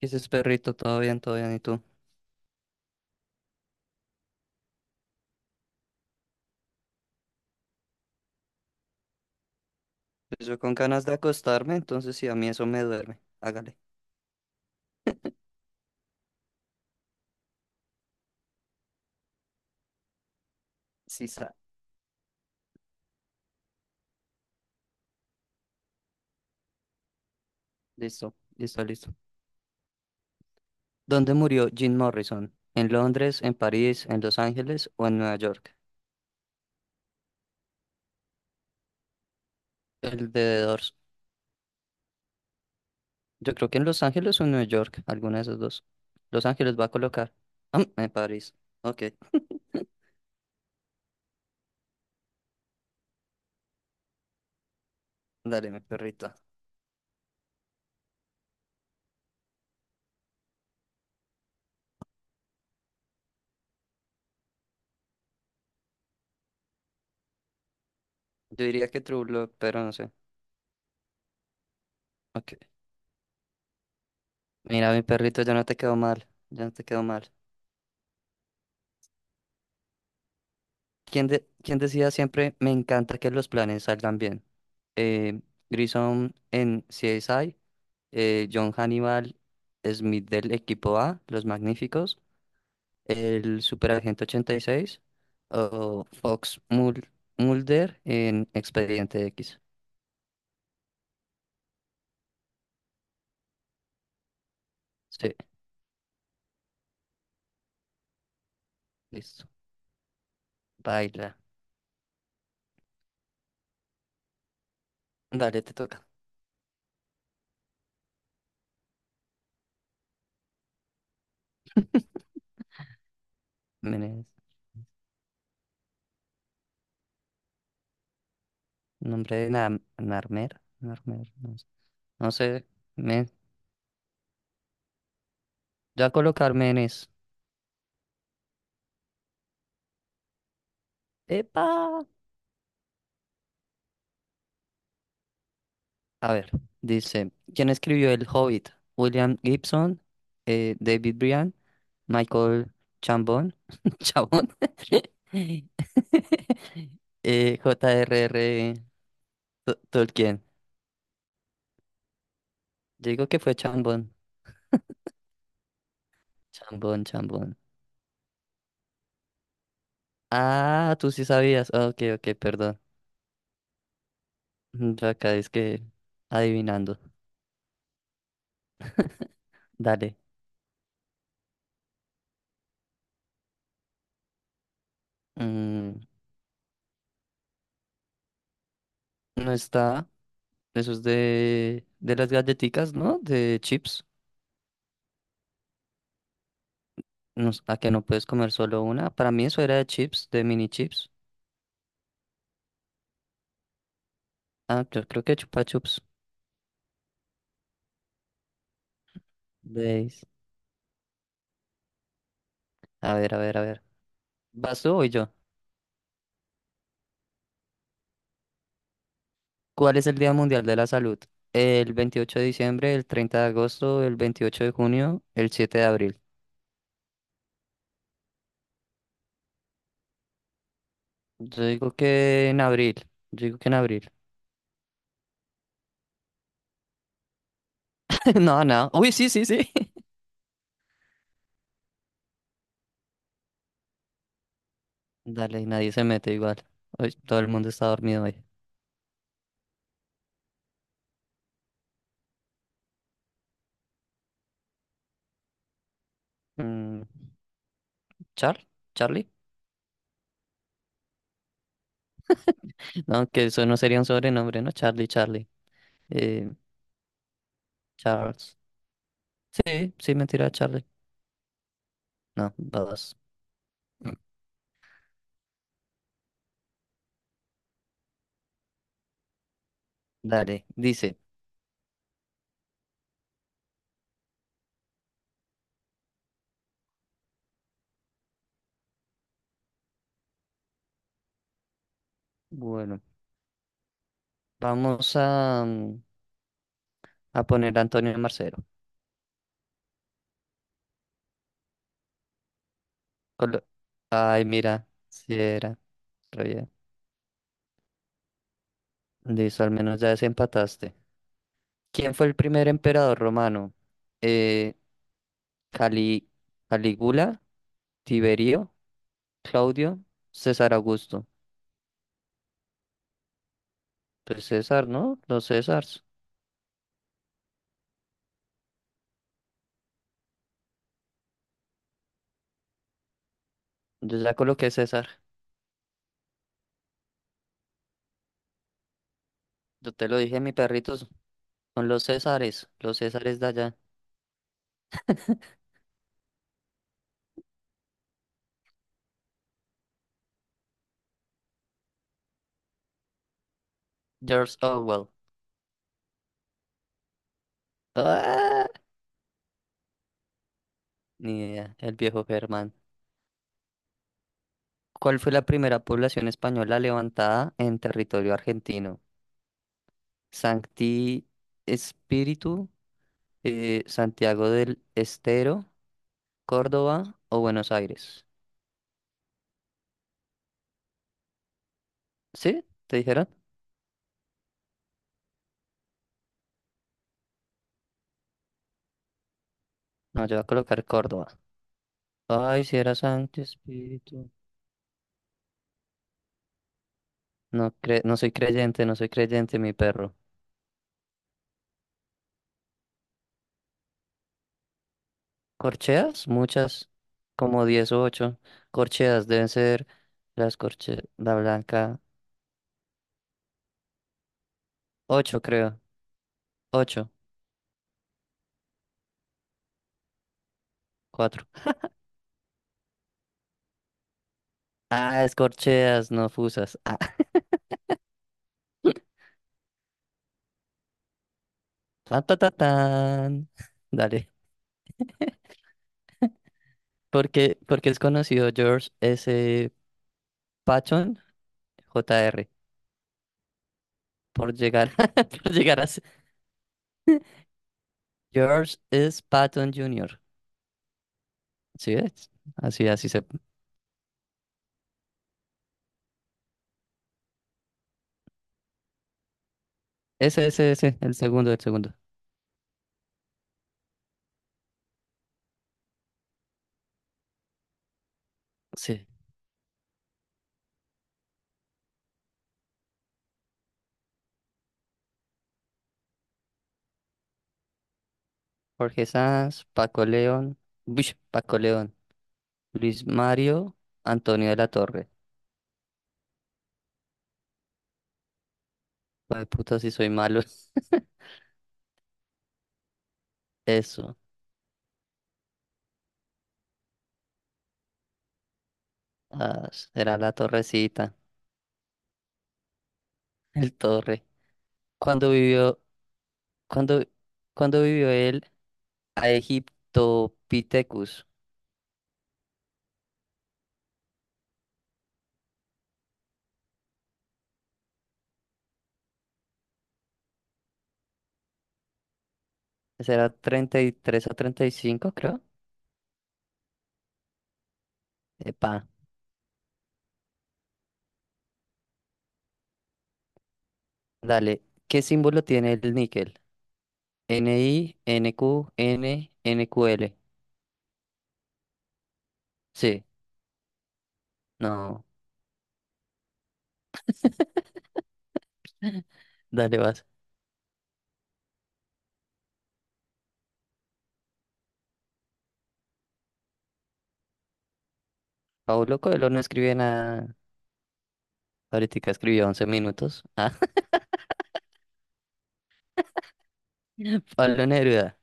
Y dices, perrito, todo bien, ¿y tú? Pues yo con ganas de acostarme, entonces sí, a mí eso me duerme. Hágale. Sí, está. Listo, listo, listo. ¿Dónde murió Jim Morrison? ¿En Londres, en París, en Los Ángeles o en Nueva York? El de The Doors. Yo creo que en Los Ángeles o en Nueva York, alguna de esas dos. Los Ángeles va a colocar. Ah, en París. Ok. Dale, mi perrito. Yo diría que True Blood, pero no sé. Ok. Mira, mi perrito, ya no te quedó mal. Ya no te quedó mal. ¿Quién, quién decía siempre, me encanta que los planes salgan bien? Eh, Grissom en CSI, John Hannibal Smith del equipo A, Los Magníficos, el Superagente 86, o Fox Mulder en Expediente X. Sí, listo. Baila. Dale, te toca. Menes- Nombre de Narmer. Narmer, no sé. No sé. Men. Ya colocar Menes. ¡Epa! A ver, dice, ¿quién escribió El Hobbit? William Gibson, David Bryan, Michael Chambon, Chabón, J.R.R. Tolkien. Yo digo que fue Chambon, Chambon, Chambon. Ah, tú sí sabías. Ah, Ok, ok, perdón. Yo acá es que adivinando. Dale. Mm, no está. Eso es de las galletitas, ¿no? De chips. No, a que no puedes comer solo una. Para mí eso era de chips, de mini chips. Ah, yo creo que chupa chups. Veis. A ver, a ver, a ver. ¿Vas tú o voy yo? ¿Cuál es el Día Mundial de la Salud? ¿El 28 de diciembre, el 30 de agosto, el 28 de junio, el 7 de abril? Yo digo que en abril. Yo digo que en abril. No, no. Uy, sí, sí, sí. Dale, nadie se mete igual. Uy, todo el mundo está dormido hoy. Mm, ¿Char? ¿Charlie? No, que eso no sería un sobrenombre, ¿no? Charlie, Charlie. Eh, Charles. Sí, sí, mentira, Charlie. No, babas. Dale, dice. Bueno, vamos a poner a Antonio Marcelo. Colo- Ay, mira, si era. Re bien. Listo, al menos ya desempataste. ¿Quién fue el primer emperador romano? Eh, Cali- Calígula, Tiberio, Claudio, César Augusto. Pues César, ¿no? Los Césars. Yo ya coloqué César. Yo te lo dije, mi perrito, son los Césares de allá. George Orwell. Ah, ni idea, el viejo Germán. ¿Cuál fue la primera población española levantada en territorio argentino? Sancti Espíritu, Santiago del Estero, Córdoba o Buenos Aires. ¿Sí? ¿Te dijeron? No, yo voy a colocar Córdoba. Ay, si era Sancti Espíritu. No, no soy creyente, no soy creyente, mi perro. ¿Corcheas? Muchas, como 10 o 8 corcheas deben ser, las corcheas, la blanca. Ocho creo, ocho. Cuatro. Ah, escorcheas, no fusas. Ah. Tan, tan, tan, tan. Dale. Porque es conocido George S. Patton, J R por llegar, por llegar a ser- George S. Patton Jr. ¿Sí ves? Así, así se. Ese, el segundo, el segundo. Sí. Jorge Sanz, Paco León, Uish, Paco León, Luis Mario, Antonio de la Torre. Ay, puta, si soy malo. Eso. Ah, será la torrecita. El Torre. Cuando vivió, cuando, cuando vivió él a Pithecus? Será treinta y tres a 35, creo. Epa, dale. ¿Qué símbolo tiene el níquel? NI, NQ, N, NQL. Sí, no. Dale, vas. Pablo Coelho no escribe nada. Ahorita escribió 11 minutos. Ah, Pablo Neruda.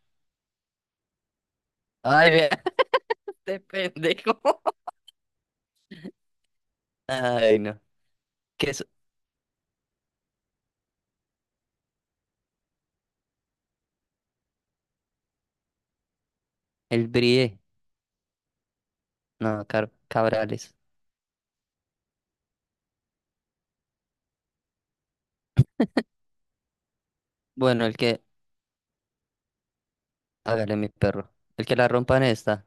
Ay, vea, este pendejo. Ay, no. ¿Qué es? El Brie. No, Cabrales. Bueno, el que, hágale mi perro, el que la rompa en esta,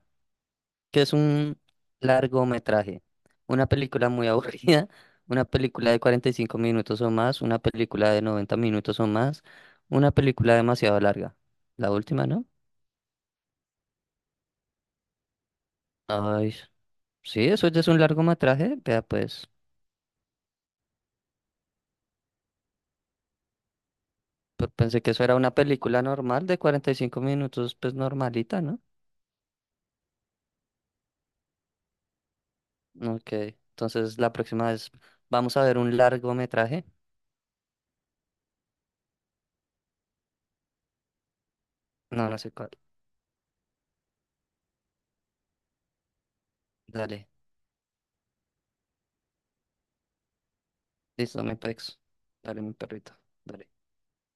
que es un largometraje, una película muy aburrida, una película de 45 minutos o más, una película de 90 minutos o más, una película demasiado larga. La última, ¿no? Ay, sí, eso ya es un largometraje, vea pues, pensé que eso era una película normal de 45 minutos, pues normalita, ¿no? Ok, entonces la próxima vez vamos a ver un largometraje, no, no sé cuál, dale. Listo, dame pex. Dale, mi perrito. Dale.